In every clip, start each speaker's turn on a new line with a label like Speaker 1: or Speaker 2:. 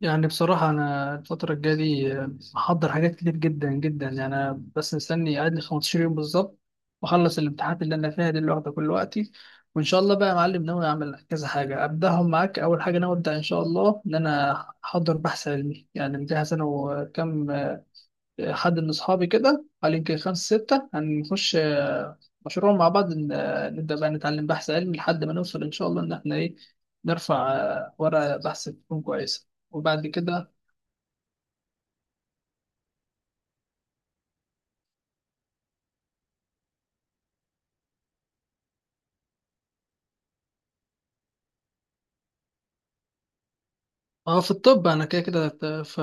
Speaker 1: يعني بصراحة أنا الفترة الجاية دي محضر حاجات كتير جدا جدا. يعني أنا بس مستني قاعد لي 15 يوم بالظبط، وأخلص الامتحانات اللي أنا فيها دي اللي واخدة كل وقتي. وإن شاء الله بقى يا معلم ناوي أعمل كذا حاجة أبدأهم معاك. أول حاجة ناوي أبدأ إن شاء الله إن أنا أحضر بحث علمي، يعني مجهز أنا وكم حد من أصحابي كده، قال يمكن 5 6 هنخش مشروع مع بعض. نبدأ بقى نتعلم بحث علمي لحد ما نوصل إن شاء الله إن إحنا إيه، نرفع ورقة بحث تكون كويسة وبعد كده. اه، في الطب انا كده كده في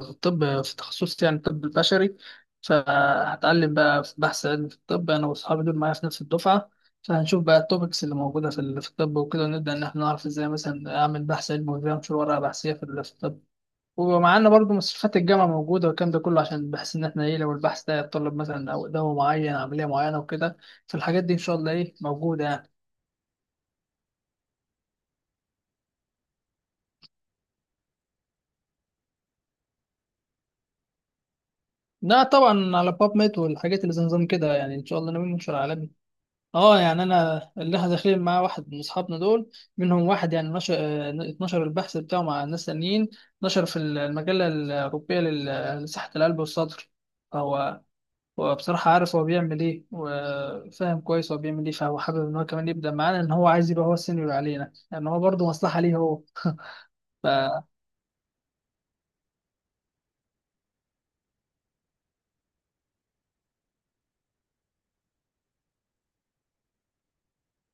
Speaker 1: الطب، في تخصصي يعني الطب البشري. فهتعلم بقى في بحث علمي في الطب، انا واصحابي دول معايا في نفس الدفعه. فهنشوف بقى التوبكس اللي موجوده في الطب وكده، ونبدا ان احنا نعرف ازاي مثلا اعمل بحث علمي وازاي انشر ورقه بحثيه في الطب. ومعانا برضو مستشفيات الجامعه موجوده والكلام ده كله، عشان بحيث ان احنا ايه، لو البحث ده يتطلب مثلا او دواء معين، عمليه معينه وكده، فالحاجات دي ان شاء الله ايه، موجوده يعني. لا طبعا، على باب ميت والحاجات اللي زي نظام كده، يعني ان شاء الله ناويين ننشر على. اه يعني انا اللي احنا داخلين مع واحد من اصحابنا دول، منهم واحد يعني نشر، اتنشر البحث بتاعه مع ناس تانيين. نشر في المجله الاوروبيه لصحه القلب والصدر. فهو هو بصراحه عارف هو بيعمل ايه، وفاهم كويس هو بيعمل ايه، فهو حابب ان هو كمان يبدا معانا، ان هو عايز يبقى هو السينيور علينا، يعني هو برضه مصلحه ليه هو. ف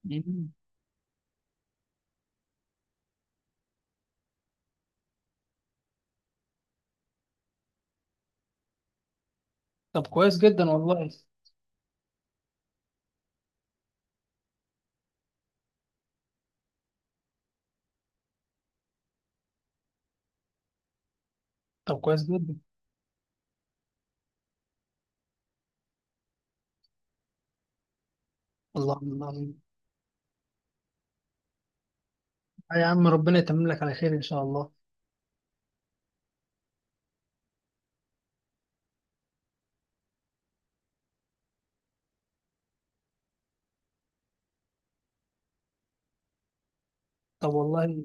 Speaker 1: مم. طب كويس جدا والله. طب كويس جدا. الله الله. آه يا عم، ربنا يتمم لك على خير ان شاء الله. طب والله،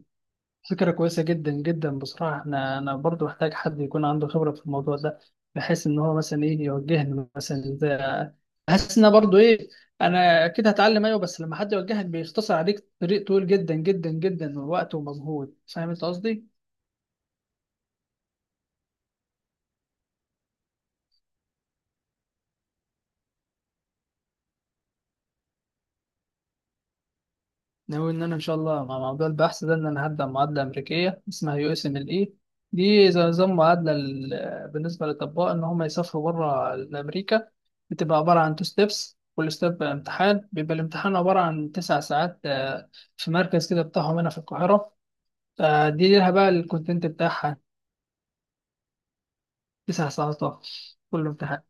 Speaker 1: فكرة كويسة جدا جدا بصراحة. احنا انا برضو محتاج حد يكون عنده خبرة في الموضوع ده، بحيث ان هو مثلا ايه، يوجهني مثلا ازاي. بحس ان أنا برضو ايه، انا اكيد هتعلم ايوه، بس لما حد يوجهك بيختصر عليك طريق طويل جدا جدا جدا من وقت ومجهود. فاهم انت قصدي؟ ناوي ان انا ان شاء الله مع موضوع البحث ده، ان انا هبدا معادله امريكيه اسمها USMLE. دي زي نظام معادله بالنسبه للاطباء ان هم يسافروا بره امريكا. بتبقى عباره عن تو ستيبس، كل ستيب امتحان. بيبقى الامتحان عباره عن تسع ساعات، في مركز كده بتاعهم هنا في القاهره. فدي ليها بقى الكونتنت بتاعها. 9 ساعات طبعاً، كل امتحان.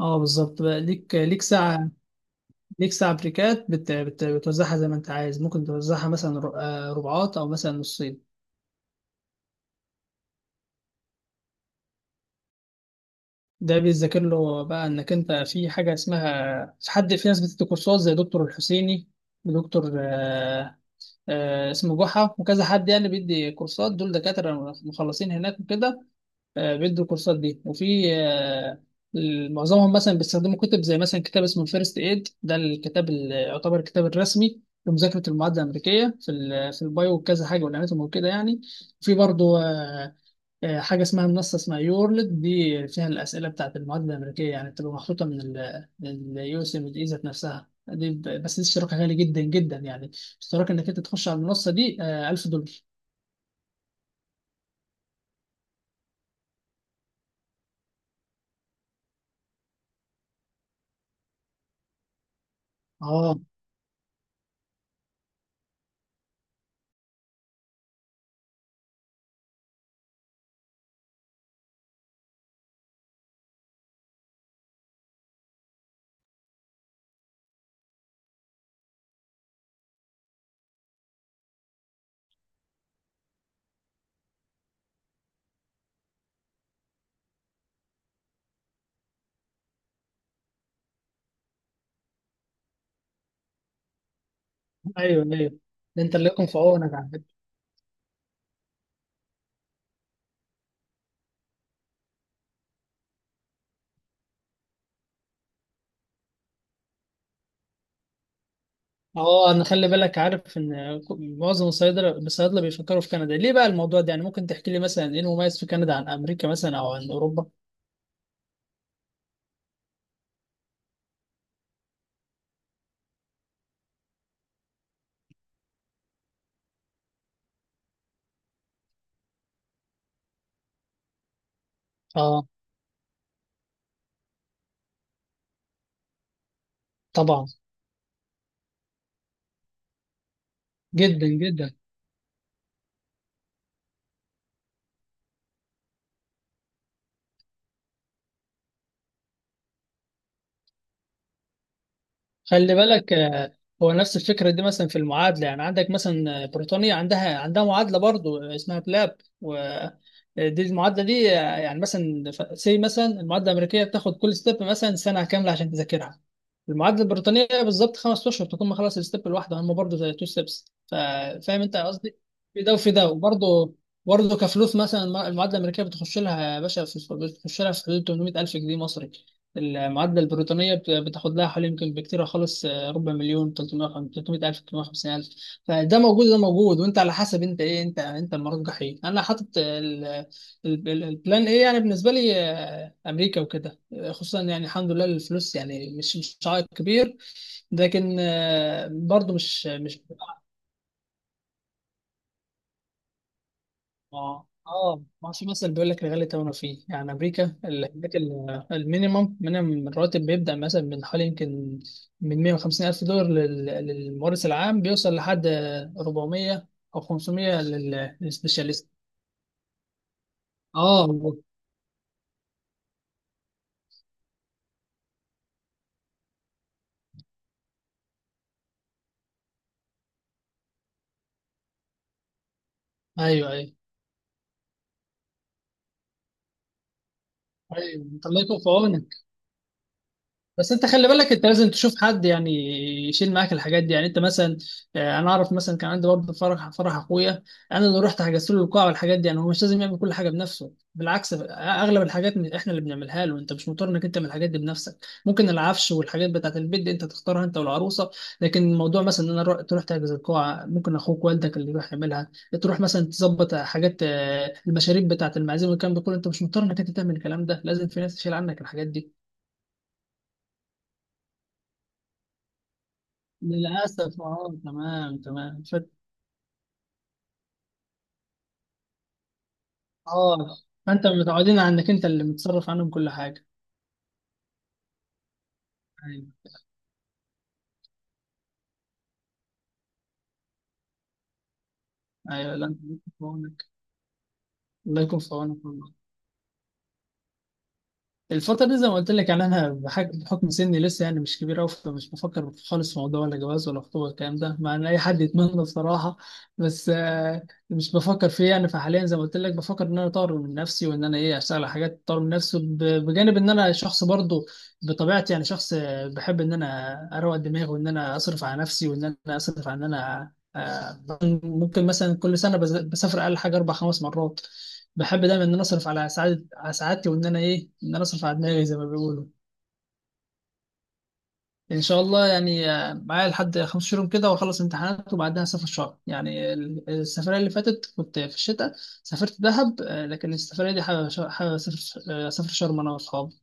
Speaker 1: اه بالظبط، بقى ليك ليك ساعة. ليك ساعة بريكات، بتوزعها زي ما انت عايز. ممكن توزعها مثلا ربعات، او مثلا نصين. ده بيذاكر له بقى انك انت، في حاجه اسمها، في حد، في ناس بتدي كورسات زي دكتور الحسيني ودكتور اسمه جحا وكذا حد. يعني بيدي كورسات، دول دكاتره مخلصين هناك وكده. بيدوا الكورسات دي. وفي آه، معظمهم مثلا بيستخدموا كتب، زي مثلا كتاب اسمه الفيرست ايد. ده الكتاب اللي يعتبر الكتاب الرسمي لمذاكره المعادله الامريكيه في البايو وكذا حاجه، والاناتومي وكده يعني. في برضه حاجة اسمها منصة اسمها يورلد، دي فيها الأسئلة بتاعت المواد الأمريكية، يعني بتبقى محطوطة من USMD ذات نفسها. دي بس دي اشتراكها غالي جدا جدا يعني. اشتراك إنك أنت تخش على المنصة دي 1000 دولار. اه. ايوه ايوه، ده انت اللي يكون في عونك على فكرة. اه انا خلي بالك، عارف ان معظم الصيادله بيفكروا في كندا. ليه بقى الموضوع ده يعني؟ ممكن تحكي لي مثلا ايه المميز في كندا عن امريكا مثلا، او عن اوروبا؟ اه طبعا، جدا جدا. خلي بالك هو نفس الفكرة دي مثلا في المعادلة. يعني عندك مثلا بريطانيا عندها معادلة برضو اسمها بلاب. ودي المعادلة دي يعني مثلا مثلا المعادلة الأمريكية بتاخد كل ستيب مثلا سنة كاملة عشان تذاكرها. المعادلة البريطانية بالظبط 5 أشهر تكون مخلص الستيب الواحدة. هم برضو زي تو ستيبس. فاهم أنت قصدي؟ في ده وفي ده. وبرضه برضه كفلوس، مثلا المعادلة الأمريكية بتخش لها يا باشا بتخش لها في حدود 800000 جنيه مصري. المعادلة البريطانية بتاخد لها حوالي، يمكن بكتير خالص ربع مليون، 300 300 ألف، 350 ألف. فده موجود، ده موجود. وأنت على حسب أنت إيه، أنت أنت المرجح إيه؟ أنا حاطط البلان إيه يعني بالنسبة لي أمريكا وكده، خصوصا يعني الحمد لله الفلوس يعني مش عائق كبير. لكن برضو مش مش. اه اه، ما في مثلا بيقول لك الغالي ثمنه فيه، يعني امريكا الحاجات المينيمم من الراتب بيبدا مثلا من حوالي، يمكن من 150 الف دولار للممارس العام، بيوصل لحد 400 او 500 للسبيشاليست. اه ايوه ايوه. ايوه الله يكون في عونك. بس انت خلي بالك، انت لازم تشوف حد يعني يشيل معاك الحاجات دي. يعني انت مثلا انا اعرف مثلا كان عندي برضه فرح اخويا انا اللي رحت حجزت له القاعه والحاجات دي. يعني هو مش لازم يعمل كل حاجه بنفسه، بالعكس اغلب الحاجات احنا اللي بنعملها له. انت مش مضطر انك انت تعمل الحاجات دي بنفسك. ممكن العفش والحاجات بتاعت البيت دي انت تختارها انت والعروسه. لكن الموضوع مثلا ان انا تروح تحجز القاعه، ممكن اخوك والدك اللي يروح يعملها. تروح مثلا تظبط حاجات المشاريب بتاعت المعازيم والكلام ده كله. انت مش مضطر انك انت تعمل الكلام ده، لازم في ناس تشيل عنك الحاجات دي. للأسف اه، تمام تمام، اه. فأنت متعودين على إنك أنت اللي متصرف عنهم كل حاجة. أيوه أيوه. لا الله يكون في عونك. الله يكون في عونك. الفترة دي زي ما قلت لك، يعني أنا بحكم سني لسه يعني مش كبير أوي، فمش بفكر خالص في موضوع ولا جواز ولا خطوبة الكلام ده، مع إن أي حد يتمنى بصراحة. بس مش بفكر فيه يعني. فحاليا زي ما قلت لك، بفكر إن أنا أطور من نفسي، وإن أنا إيه، أشتغل على حاجات تطور من نفسي بجانب إن أنا شخص برضه بطبيعتي، يعني شخص بحب إن أنا أروق دماغي، وإن أنا أصرف على نفسي، وإن أنا أصرف على إن أنا ممكن مثلا كل سنة بسافر أقل حاجة أربع خمس مرات. بحب دايما ان انا اصرف على سعادة، على سعادتي، وان انا ايه، ان انا اصرف على دماغي زي ما بيقولوا. ان شاء الله يعني معايا لحد 5 شهور كده، واخلص امتحانات وبعدها اسافر شهر. يعني السفرية اللي فاتت كنت في الشتاء، سافرت دهب لكن السفرية دي حابب حابب اسافر اسافر شرم انا واصحابي.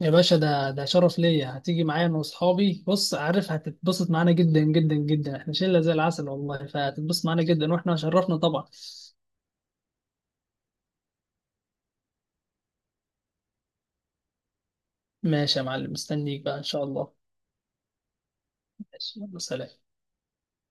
Speaker 1: يا باشا، ده ده شرف ليا. هتيجي معايا انا واصحابي، بص عارف هتتبسط معانا جدا جدا جدا. احنا شلة زي العسل والله، فهتتبسط معانا جدا واحنا شرفنا طبعا. ماشي يا معلم، مستنيك بقى ان شاء الله. ماشي، يلا سلام.